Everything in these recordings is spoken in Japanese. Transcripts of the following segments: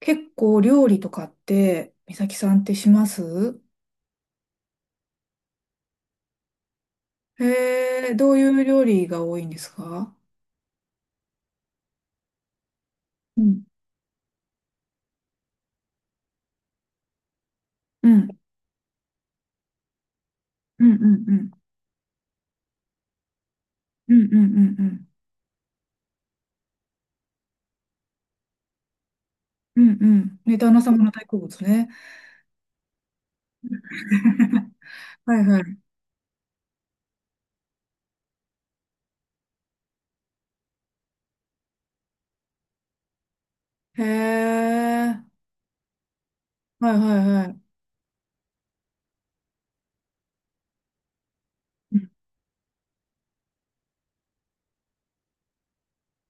結構料理とかって、美咲さんってします？へえ、どういう料理が多いんですか？うん。うん。うんうんうん。うんうんうんうん。うんうん。ね、旦那様の大好物ね。はいはい。へえ。はいはいはい。うん。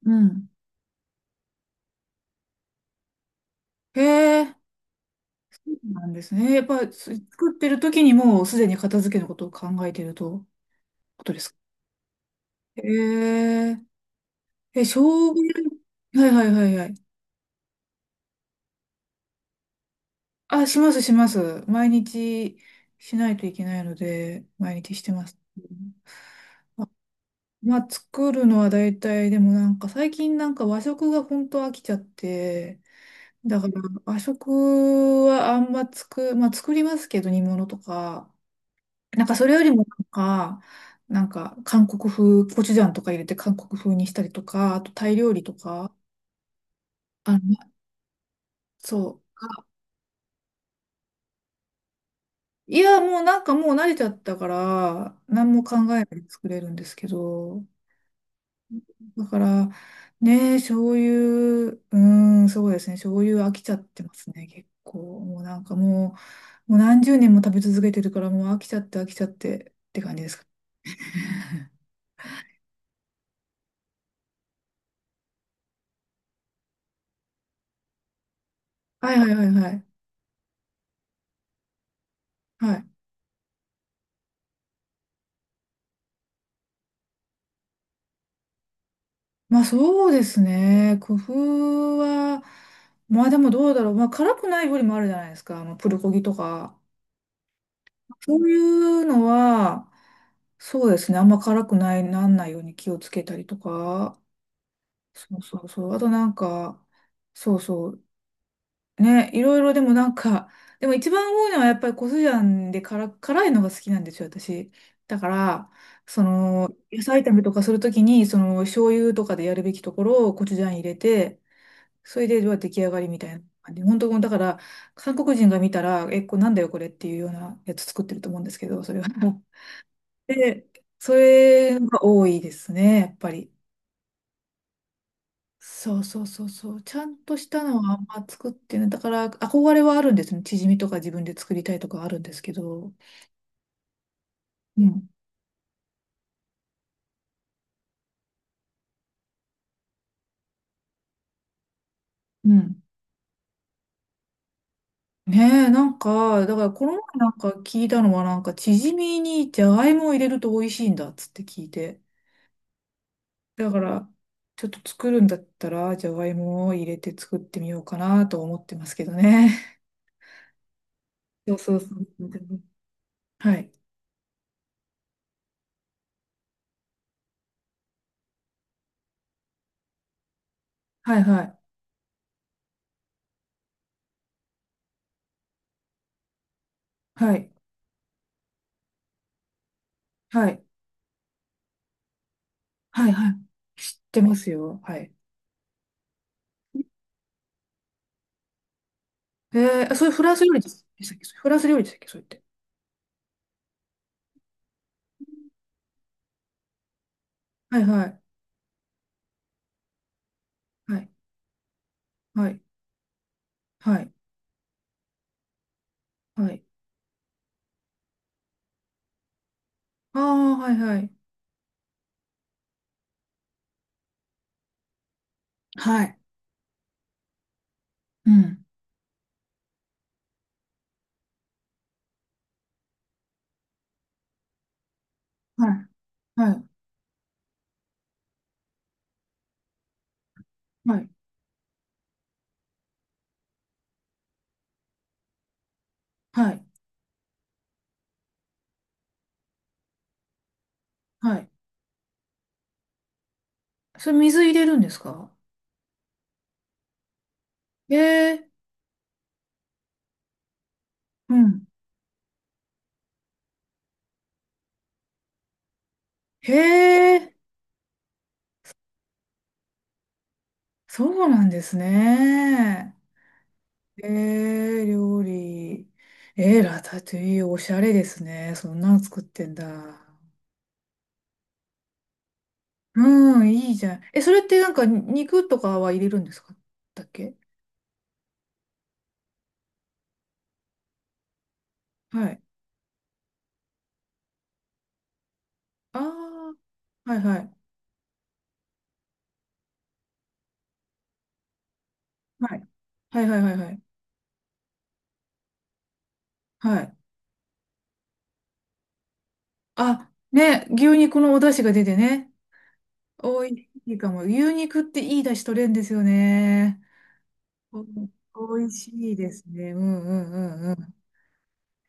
うん。へえ。そうなんですね。やっぱす作ってる時にもうすでに片付けのことを考えているとことですか？へえ。え、生姜、はいはいはいはい。あ、します、します。毎日しないといけないので、毎日してます。まあ、作るのは大体、でもなんか最近なんか和食が本当飽きちゃって、だから和食はあんままあ作りますけど煮物とか、なんかそれよりもなんか、なんか韓国風、コチュジャンとか入れて韓国風にしたりとか、あとタイ料理とか、あの、そう。あ、もうなんかもう慣れちゃったから、何も考えないで作れるんですけど、だから、ね、そういう、うん、そうですね、醤油飽きちゃってますね、結構。もうなんかもう何十年も食べ続けてるから、もう飽きちゃって飽きちゃってって感じですか。はいはいはいはい。はい。まあそうですね、工夫は、まあでもどうだろう、まあ辛くない料理もあるじゃないですか、あのプルコギとか。そういうのは、そうですね、あんま辛くない、なんないように気をつけたりとか。そうそうそう。あとなんか、そうそう。ね、いろいろでもなんか、でも一番多いのはやっぱりコスジャンで辛いのが好きなんですよ、私。だから、その、野菜炒めとかするときに、その、醤油とかでやるべきところをコチュジャン入れて、それで、まあ出来上がりみたいな感じ。本当、だから、韓国人が見たら、え、これなんだよ、これっていうようなやつ作ってると思うんですけど、それは。で、それが多いですね、やっぱり。そうそうそうそう。ちゃんとしたのはあんま作ってない。だから、憧れはあるんですね。チヂミとか自分で作りたいとかあるんですけど。うん。うん。ねえ、なんか、だからこの前なんか聞いたのは、なんか、チヂミにじゃがいもを入れると美味しいんだっつって聞いて。だから、ちょっと作るんだったら、じゃがいもを入れて作ってみようかなと思ってますけどね。そうそうそう。はい。はいはい。はい。はい。はい。知ってますよ。はい。ええ、あ、それフランス料理ですでしたっけ、それフランス料理でしたっけそれって。はいはい。はい。はい。はい。はい。ああ、はいはい。はい。うん。はい。はい。はい。はい。はい。それ水入れるんですか？ええうん。へえ、そうなんですね。ええ料理。ええラタトゥイユ、おしゃれですね。そんなの作ってんだ。うん、いいじゃん。え、それってなんか肉とかは入れるんですか、だっけ？はい、ああ、はいはい。はい。はいはいはいはい。はい。あ、ね、牛肉のお出汁が出てね。おいしいかも。牛肉っていい出汁取れるんですよね。お、おいしいですね。うんうんうんうん。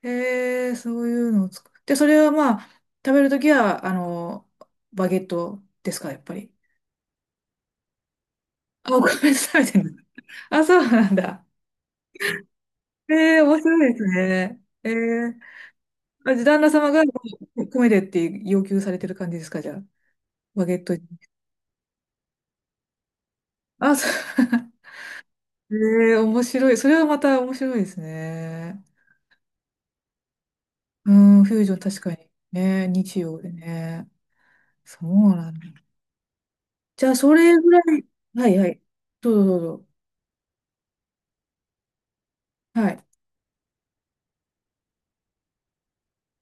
へえ、そういうのを作って、それはまあ、食べるときは、あの、バゲットですか、やっぱり。あ、お米で食べてる。あ、そうなんだ。ええ、面白いですね。ええ、あ、じゃあ旦那様が米でって要求されてる感じですか、じゃあ。バゲットに。あ、そう。えー、面白い。それはまた面白いですね。うん、フュージョン確かに。ね、日曜でね。そうなんだ。じゃあ、それぐらい。はいはい。どうぞどうぞ。はい。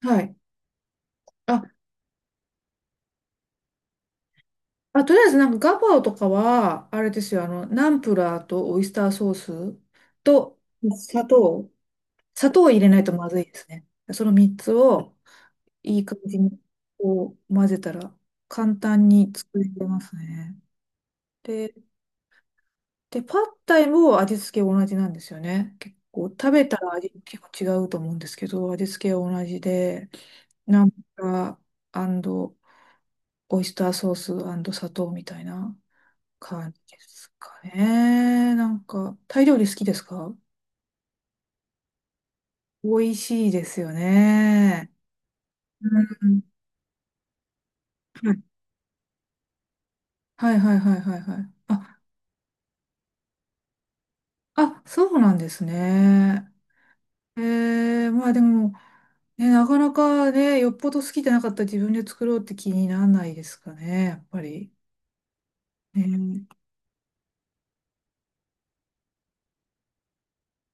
はい。あ、とりあえずなんかガパオとかは、あれですよ、あの、ナンプラーとオイスターソースと砂糖。砂糖を入れないとまずいですね。その3つをいい感じにこう混ぜたら簡単に作れますね。で、パッタイも味付け同じなんですよね。結構食べたら味結構違うと思うんですけど、味付けは同じで、ナンプラーオイスターソース砂糖みたいな感じですかね。なんか、タイ料理好きですか？美味しいですよね。うん。はいはいはいはいはいはい。あ、あ、そうなんですね。えまあでも、ね、なかなかね、よっぽど好きじゃなかったら自分で作ろうって気にならないですかね、やっぱり。ね、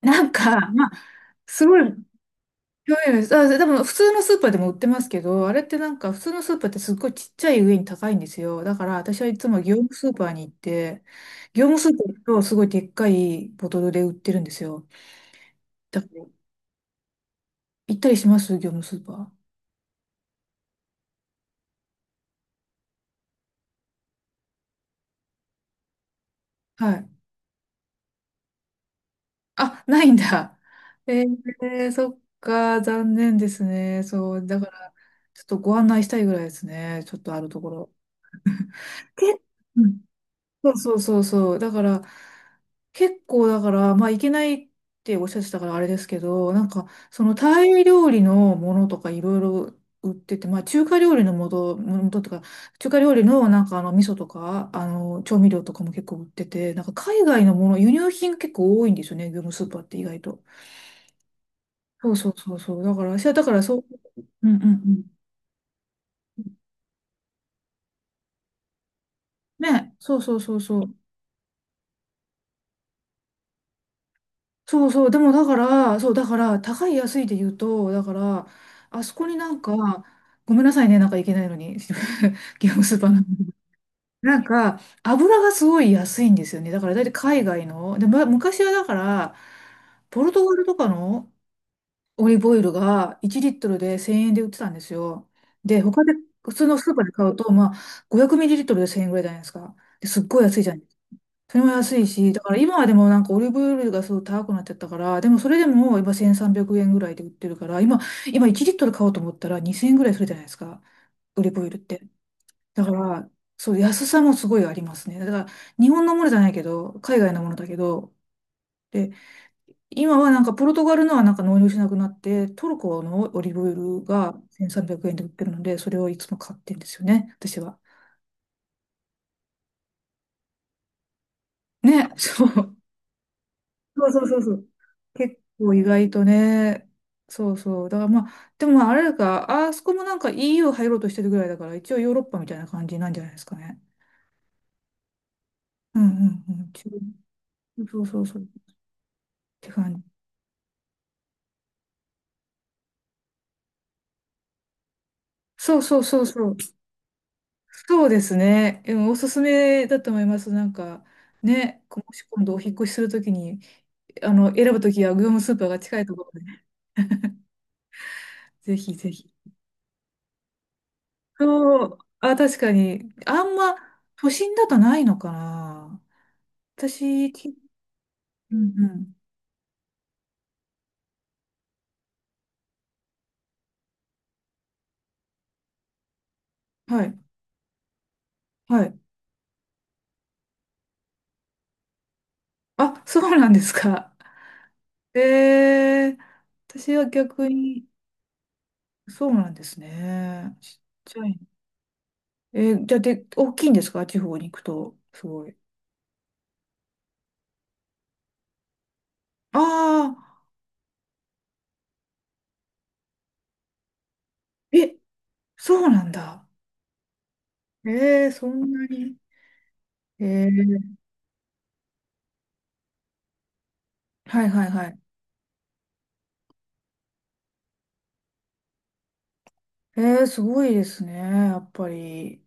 なんか、まあ、すごい、興味あります。あ、でも普通のスーパーでも売ってますけど、あれってなんか普通のスーパーってすっごいちっちゃい上に高いんですよ。だから私はいつも業務スーパーに行って、業務スーパー行くとすごいでっかいボトルで売ってるんですよ。だから行ったりします業務スーパー。はい。あ、ないんだ。えー、そっか、残念ですね。そう、だから、ちょっとご案内したいぐらいですね。ちょっとあるところ。けうんそうそうそうそう。だから、結構だから、まあ、いけないっておっしゃってたからあれですけど、なんか、そのタイ料理のものとかいろいろ売ってて、まあ、中華料理のもととか、中華料理のなんか味噌とか、調味料とかも結構売ってて、なんか海外のもの、輸入品結構多いんですよね、業務スーパーって意外と。そうそうそうそう。だから、私はだからそう、うんうんうん。ね、そうそうそうそう。そうそう。でもだから、そう、だから、高い安いで言うと、だから、あそこになんか、ごめんなさいね、なんかいけないのに、ゲームスーパーなんで、なんか、油がすごい安いんですよね。だから、だいたい海外の。で、ま、昔はだから、ポルトガルとかのオリーブオイルが1リットルで1000円で売ってたんですよ。で、他で、普通のスーパーで買うと、まあ、500ミリリットルで1000円ぐらいじゃないですか。ですっごい安いじゃん。それも安いし、だから今はでもなんかオリーブオイルがすごい高くなっちゃったから、でもそれでも今1300円ぐらいで売ってるから、今、1リットル買おうと思ったら2000円ぐらいするじゃないですか、オリーブオイルって。だから、そう、安さもすごいありますね。だから、日本のものじゃないけど、海外のものだけど、で、今はなんかポルトガルのはなんか納入しなくなって、トルコのオリーブオイルが1300円で売ってるので、それをいつも買ってんですよね、私は。ね、そう。そうそうそうそう。結構意外とね。そうそう。だからまあ、でもまああれだから、あそこもなんか EU 入ろうとしてるぐらいだから、一応ヨーロッパみたいな感じなんじゃないですかね。うんうんうん。中そうそうそう。って感じ。そうそうそうそう。そうですね。でもおすすめだと思います。なんか、ね、もし今度お引っ越しするときに、選ぶときは業務スーパーが近いところでね、ぜひぜひ。そう。あ、確かに。あんま、都心だとないのかな。私、き、うんうん。はい、はい。あ、そうなんですか。ええ、私は逆に、そうなんですね。ちっちゃい。えーじゃあ、で、大きいんですか地方に行くと。すごい。ああ、え、そうなんだ。ええそんなに。ええはいはいはい。ええすごいですね。やっぱり。